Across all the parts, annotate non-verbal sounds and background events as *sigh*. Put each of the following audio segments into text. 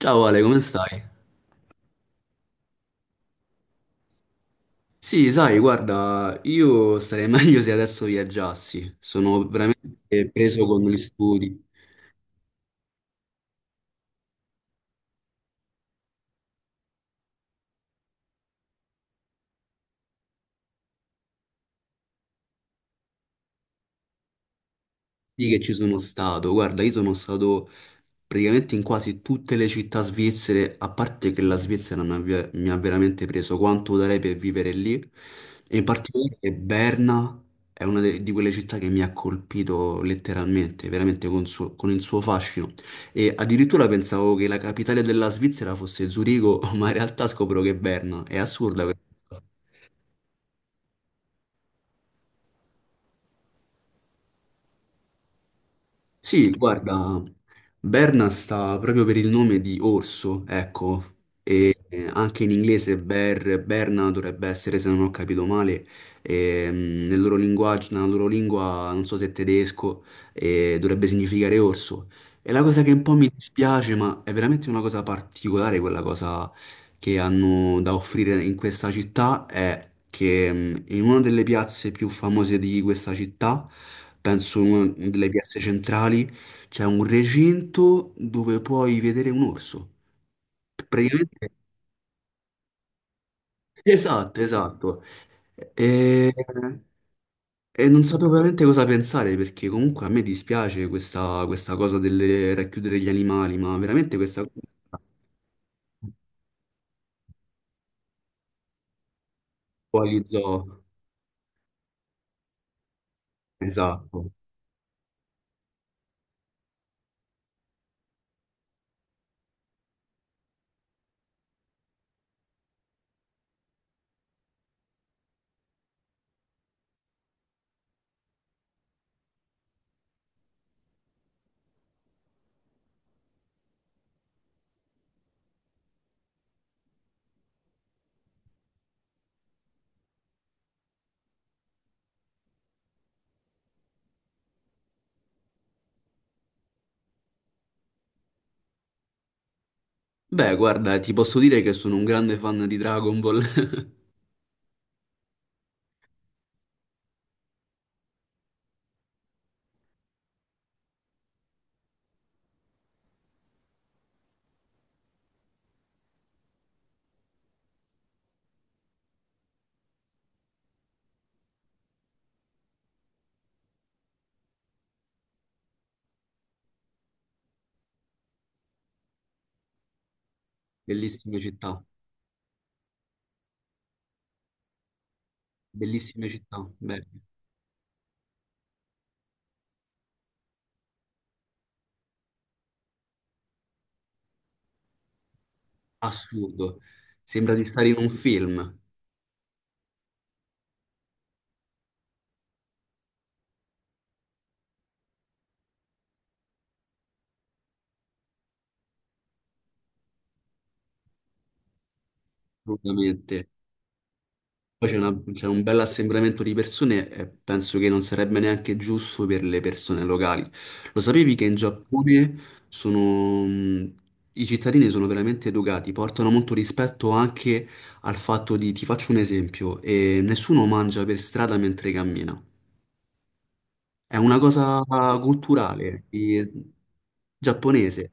Ciao Ale, come stai? Sì, sai, guarda, io starei *laughs* meglio se adesso viaggiassi. Sono veramente preso con gli studi. Sì che ci sono stato, guarda, io sono stato praticamente in quasi tutte le città svizzere, a parte che la Svizzera mi ha veramente preso quanto darei per vivere lì, e in particolare che Berna è di quelle città che mi ha colpito letteralmente, veramente con il suo fascino. E addirittura pensavo che la capitale della Svizzera fosse Zurigo, *laughs* ma in realtà scopro che è Berna, è assurda questa. Sì, guarda, Berna sta proprio per il nome di orso, ecco, e anche in inglese Berna dovrebbe essere, se non ho capito male, nel loro linguaggio, nella loro lingua, non so se è tedesco, dovrebbe significare orso. E la cosa che un po' mi dispiace, ma è veramente una cosa particolare quella cosa che hanno da offrire in questa città è che in una delle piazze più famose di questa città, penso in una delle piazze centrali, c'è un recinto dove puoi vedere un orso. Praticamente, *laughs* esatto, esatto. E, e non sapevo veramente cosa pensare perché comunque a me dispiace questa cosa del racchiudere gli animali, ma veramente questa cosa un po' agli zoo. Esatto. Beh, guarda, ti posso dire che sono un grande fan di Dragon Ball. *laughs* Bellissime città, bellissime città. Beh, assurdo. Sembra di stare in un film, assolutamente. Poi c'è un bel assembramento di persone e penso che non sarebbe neanche giusto per le persone locali. Lo sapevi che in Giappone sono... i cittadini sono veramente educati, portano molto rispetto anche al fatto di, ti faccio un esempio, nessuno mangia per strada mentre cammina. È una cosa culturale, giapponese.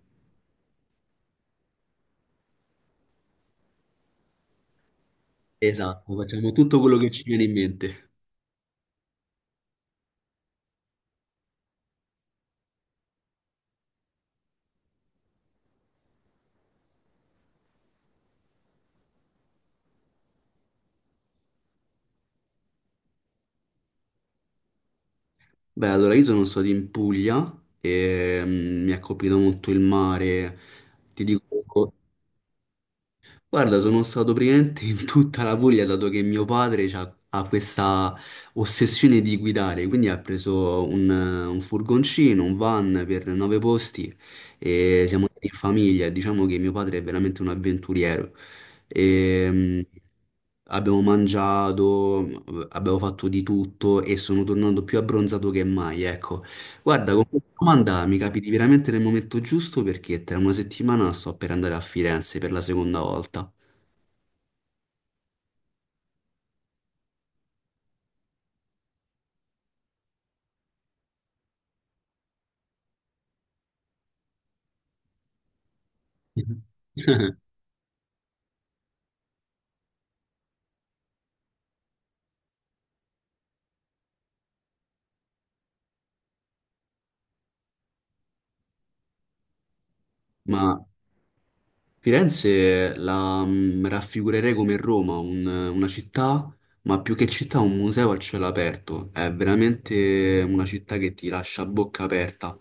Esatto, facciamo tutto quello che ci viene in mente. Beh, allora io sono stato in Puglia e mm, mi ha colpito molto il mare. Ti dico, guarda, sono stato praticamente in tutta la Puglia, dato che mio padre ha questa ossessione di guidare, quindi ha preso un furgoncino, un van per 9 posti e siamo andati in famiglia. Diciamo che mio padre è veramente un avventuriero. Ehm, Abbiamo mangiato, abbiamo fatto di tutto e sono tornato più abbronzato che mai, ecco. Guarda, con questa domanda mi capiti veramente nel momento giusto perché tra una settimana sto per andare a Firenze per la seconda volta. *laughs* Ma Firenze la mm, raffigurerei come Roma, una città, ma più che città un museo al cielo aperto. È veramente una città che ti lascia a bocca aperta.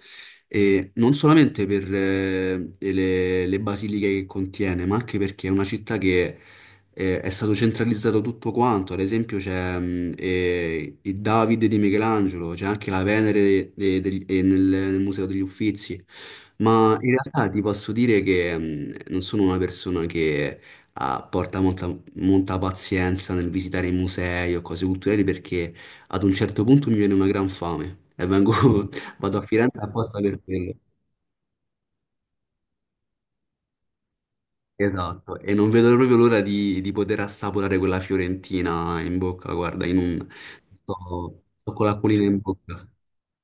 E non solamente per le basiliche che contiene, ma anche perché è una città che è stato centralizzato tutto quanto. Ad esempio c'è il Davide di Michelangelo, c'è anche la Venere nel Museo degli Uffizi. Ma in realtà ti posso dire che mm, non sono una persona che porta molta pazienza nel visitare i musei o cose culturali perché ad un certo punto mi viene una gran fame e *laughs* vado a Firenze apposta per quello. Esatto, e non vedo proprio l'ora di poter assaporare quella fiorentina in bocca, guarda, in un... sto con l'acquolina in bocca.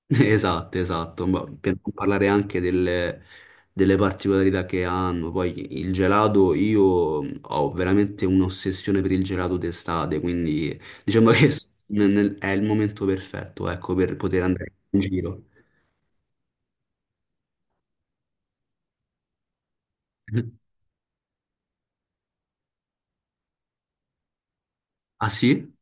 Esatto, esatto, ma per non parlare anche delle, delle particolarità che hanno, poi il gelato, io ho veramente un'ossessione per il gelato d'estate, quindi diciamo che è il momento perfetto, ecco, per poter andare in giro. *laughs* Ah sì?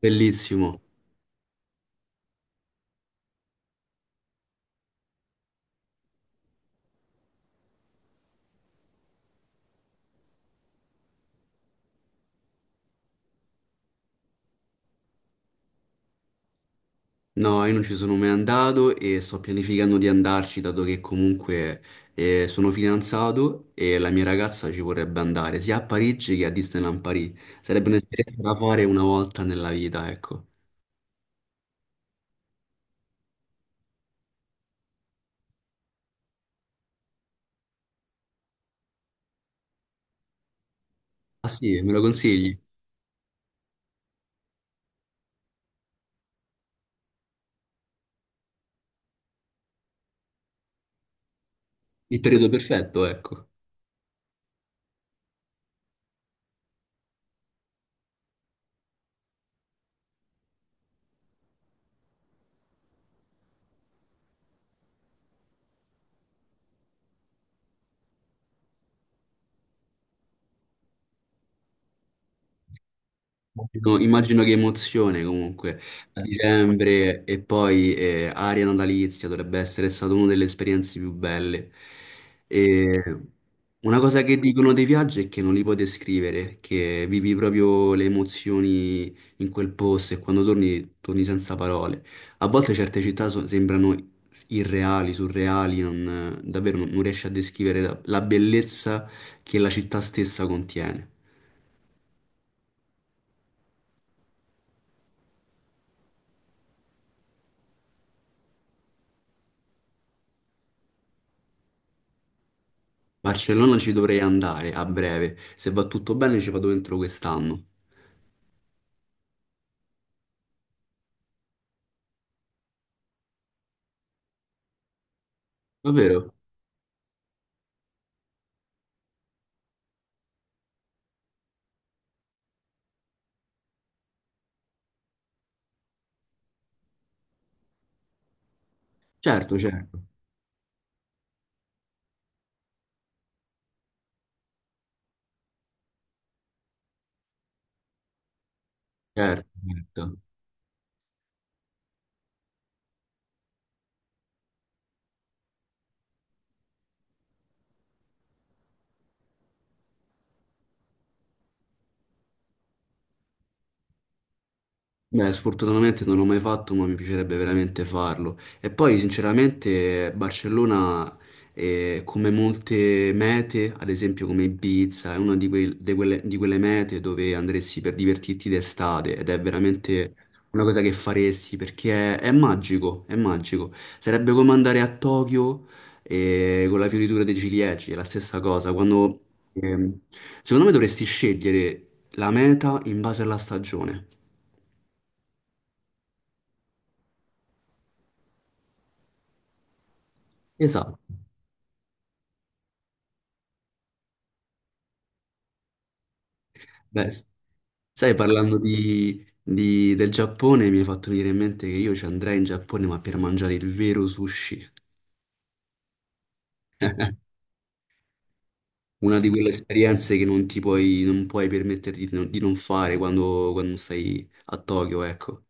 Bellissimo. No, io non ci sono mai andato e sto pianificando di andarci, dato che comunque sono fidanzato e la mia ragazza ci vorrebbe andare sia a Parigi che a Disneyland Paris. Sarebbe un'esperienza da fare una volta nella vita, ecco. Ah sì, me lo consigli? Il periodo perfetto, ecco. Immagino, immagino che emozione comunque a dicembre e poi aria natalizia dovrebbe essere stata una delle esperienze più belle. E una cosa che dicono dei viaggi è che non li puoi descrivere, che vivi proprio le emozioni in quel posto e quando torni, torni senza parole. A volte certe città sembrano irreali, surreali, davvero non riesci a descrivere la la bellezza che la città stessa contiene. Barcellona ci dovrei andare a breve. Se va tutto bene ci vado dentro quest'anno. Davvero? Certo, certo, certo, certo. Beh, sfortunatamente non l'ho mai fatto, ma mi piacerebbe veramente farlo. E poi, sinceramente, Barcellona, come molte mete, ad esempio come Ibiza, è una di quelle mete dove andresti per divertirti d'estate ed è veramente una cosa che faresti perché è magico, è magico. Sarebbe come andare a Tokyo, con la fioritura dei ciliegi, è la stessa cosa. Quando, ehm, secondo me dovresti scegliere la meta in base alla stagione. Esatto. Beh, sai, parlando del Giappone, mi hai fatto venire in mente che io ci andrei in Giappone, ma per mangiare il vero sushi. Una di quelle esperienze che non puoi permetterti di non fare quando stai a Tokyo, ecco.